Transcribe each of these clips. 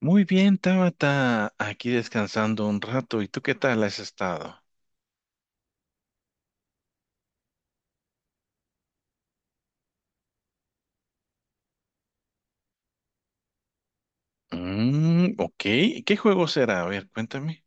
Muy bien, Tabata, aquí descansando un rato. ¿Y tú qué tal has estado? Mm, ok, ¿qué juego será? A ver, cuéntame.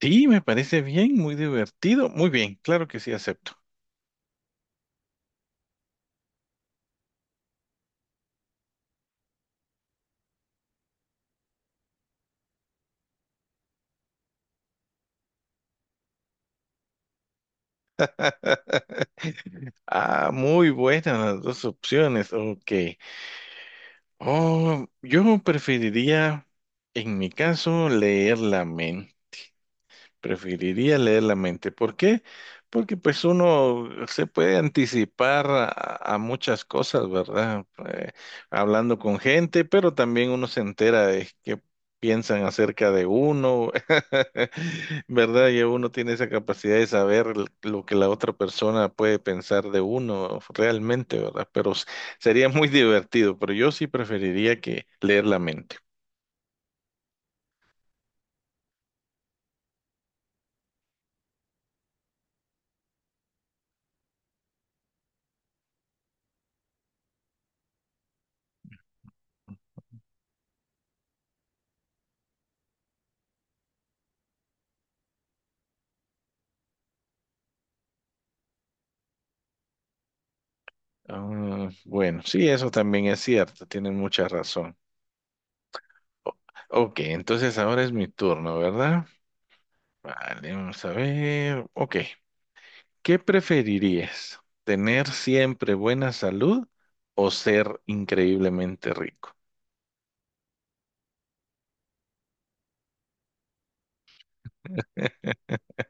Sí, me parece bien, muy divertido. Muy bien, claro que sí, acepto. Ah, muy buenas las dos opciones. Ok. Oh, yo preferiría, en mi caso, leer la mente. Preferiría leer la mente. ¿Por qué? Porque pues uno se puede anticipar a muchas cosas, ¿verdad? Hablando con gente, pero también uno se entera de qué piensan acerca de uno, ¿verdad? Y uno tiene esa capacidad de saber lo que la otra persona puede pensar de uno realmente, ¿verdad? Pero sería muy divertido, pero yo sí preferiría que leer la mente. Ah, bueno, sí, eso también es cierto, tienen mucha razón. O- ok, entonces ahora es mi turno, ¿verdad? Vale, vamos a ver. Ok, ¿qué preferirías? ¿Tener siempre buena salud o ser increíblemente rico?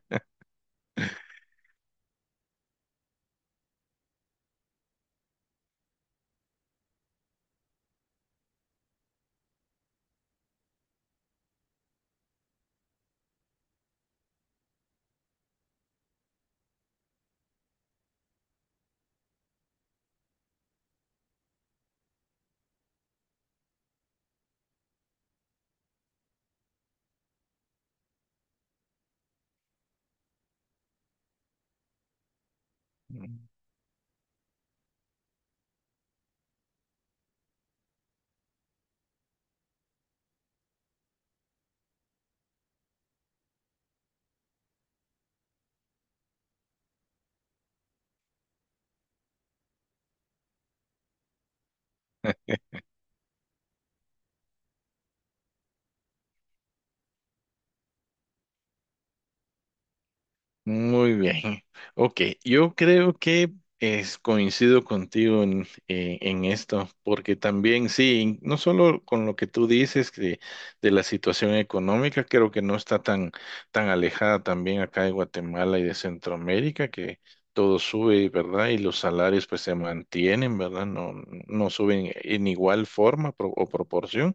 Muy bien. Ok, yo creo que es, coincido contigo en esto, porque también sí, no solo con lo que tú dices que de la situación económica, creo que no está tan, tan alejada también acá de Guatemala y de Centroamérica, que todo sube, ¿verdad? Y los salarios pues se mantienen, ¿verdad? No, no suben en igual forma o proporción.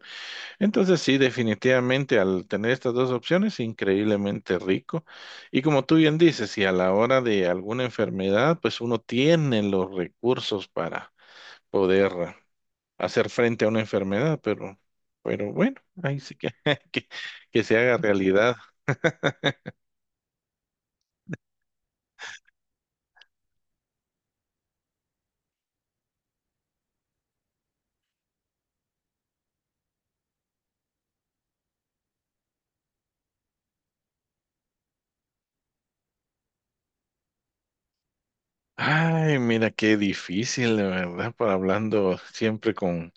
Entonces sí, definitivamente al tener estas dos opciones, increíblemente rico. Y como tú bien dices, si a la hora de alguna enfermedad, pues uno tiene los recursos para poder hacer frente a una enfermedad, pero bueno, ahí sí que, que, que se haga realidad. Ay, mira qué difícil, de verdad, para hablando siempre con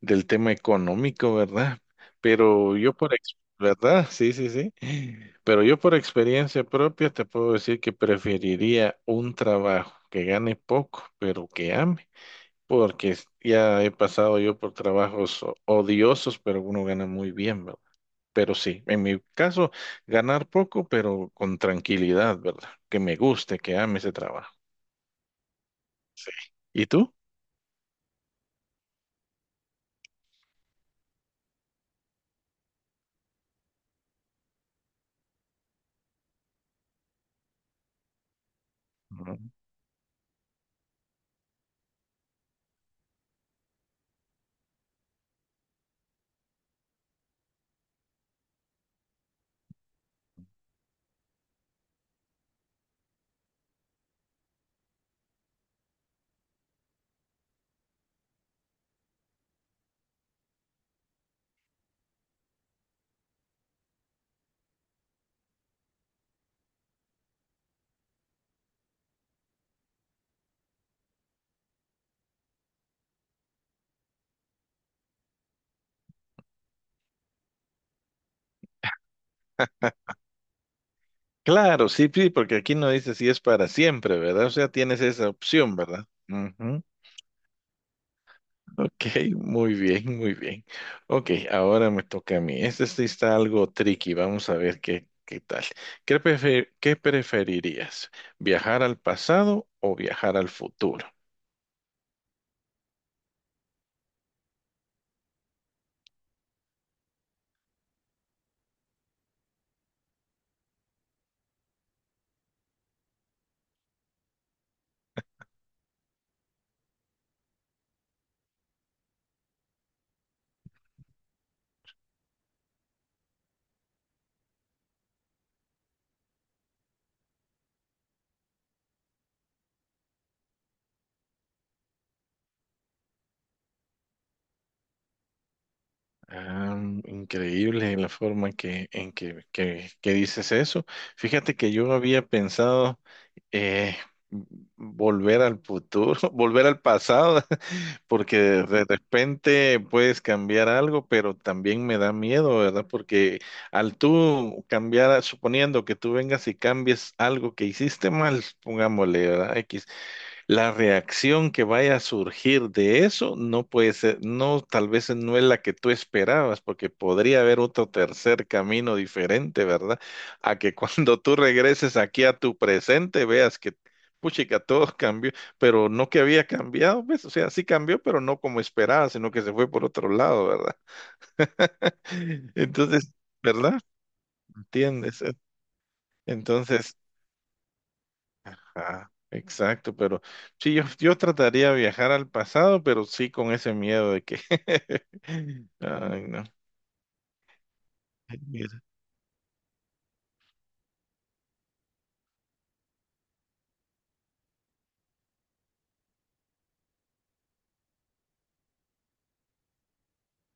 del tema económico, ¿verdad? Pero yo por ¿verdad? Sí, sí, sí. Pero yo por experiencia propia te puedo decir que preferiría un trabajo que gane poco, pero que ame, porque ya he pasado yo por trabajos odiosos, pero uno gana muy bien, ¿verdad? Pero sí, en mi caso, ganar poco, pero con tranquilidad, ¿verdad? Que me guste, que ame ese trabajo. Sí. ¿Y tú? Ujú. Claro, sí, sí, porque aquí no dice si es para siempre, ¿verdad? O sea, tienes esa opción, ¿verdad? Ujú. Ok, muy bien, muy bien. Ok, ahora me toca a mí. Este sí está algo tricky, vamos a ver qué, qué tal. ¿Qué preferirías? ¿Viajar al pasado o viajar al futuro? Ah, increíble la forma en que dices eso. Fíjate que yo había pensado eh, volver al futuro, volver al pasado, porque de repente puedes cambiar algo, pero también me da miedo, ¿verdad? Porque al tú cambiar, suponiendo que tú vengas y cambies algo que hiciste mal, pongámosle, ¿verdad? X, la reacción que vaya a surgir de eso no puede ser, no, tal vez no es la que tú esperabas, porque podría haber otro tercer camino diferente, ¿verdad? A que cuando tú regreses aquí a tu presente veas que, puchica, todo cambió, pero no que había cambiado, pues, o sea, sí cambió, pero no como esperaba, sino que se fue por otro lado, ¿verdad? Entonces, ¿verdad? ¿Entiendes? Entonces, ah, exacto, pero sí, yo trataría de viajar al pasado, pero sí con ese miedo de que... Ay, no. Mira,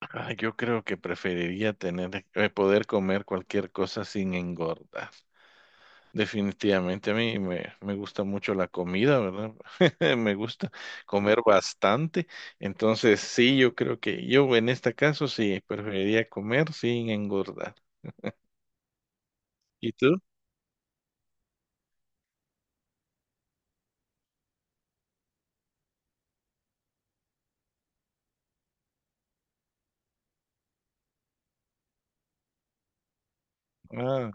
ah, yo creo que preferiría tener, poder comer cualquier cosa sin engordar. Definitivamente a mí me gusta mucho la comida, ¿verdad? Me gusta comer bastante. Entonces, sí, yo creo que yo en este caso sí preferiría comer sin engordar. ¿Y tú? Ah,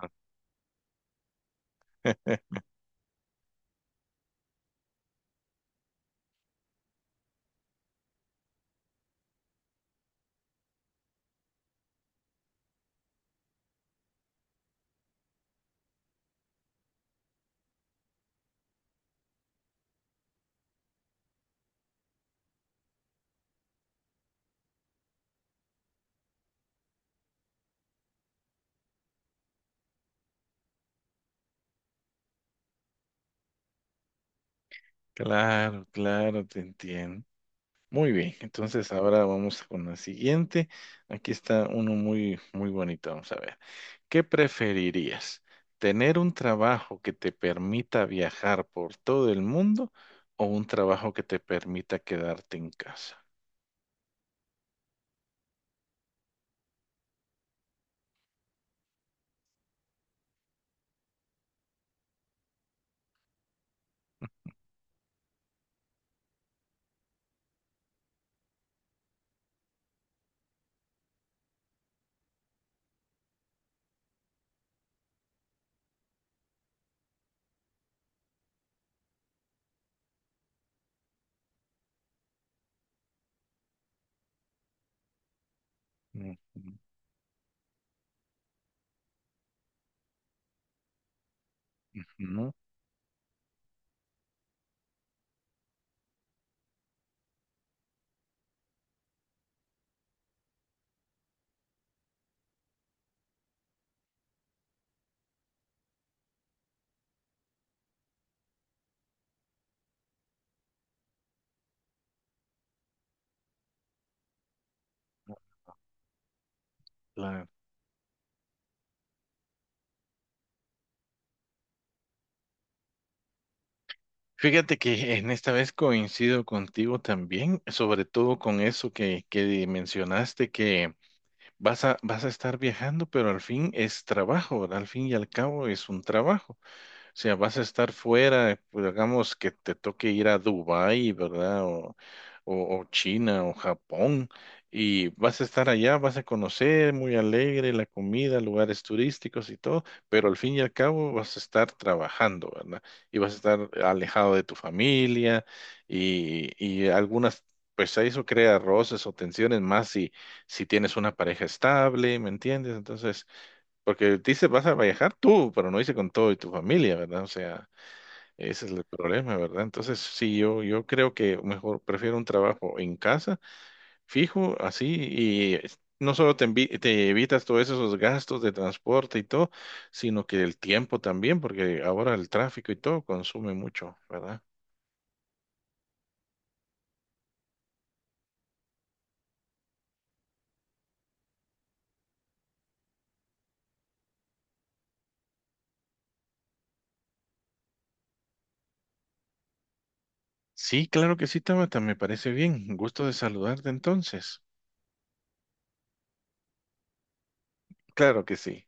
claro, claro, te entiendo. Muy bien, entonces ahora vamos con la siguiente. Aquí está uno muy, muy bonito. Vamos a ver. ¿Qué preferirías? ¿Tener un trabajo que te permita viajar por todo el mundo o un trabajo que te permita quedarte en casa? Ujú, ujú, claro. Fíjate que en esta vez coincido contigo también, sobre todo con eso que mencionaste, que vas a estar viajando, pero al fin es trabajo, ¿verdad? Al fin y al cabo es un trabajo. Sea, vas a estar fuera, pues, digamos que te toque ir a Dubái, ¿verdad? O China o Japón, y vas a estar allá, vas a conocer, muy alegre, la comida, lugares turísticos y todo, pero al fin y al cabo vas a estar trabajando, ¿verdad? Y vas a estar alejado de tu familia y algunas... Pues eso crea roces o tensiones más si, si tienes una pareja estable, ¿me entiendes? Entonces, porque dice, vas a viajar tú, pero no dice con todo y tu familia, ¿verdad? O sea, ese es el problema, ¿verdad? Entonces, sí, yo creo que mejor prefiero un trabajo en casa, fijo, así, y no solo te, te evitas todos esos gastos de transporte y todo, sino que el tiempo también, porque ahora el tráfico y todo consume mucho, ¿verdad? Sí, claro que sí, Tabata, me parece bien. Gusto de saludarte entonces. Claro que sí.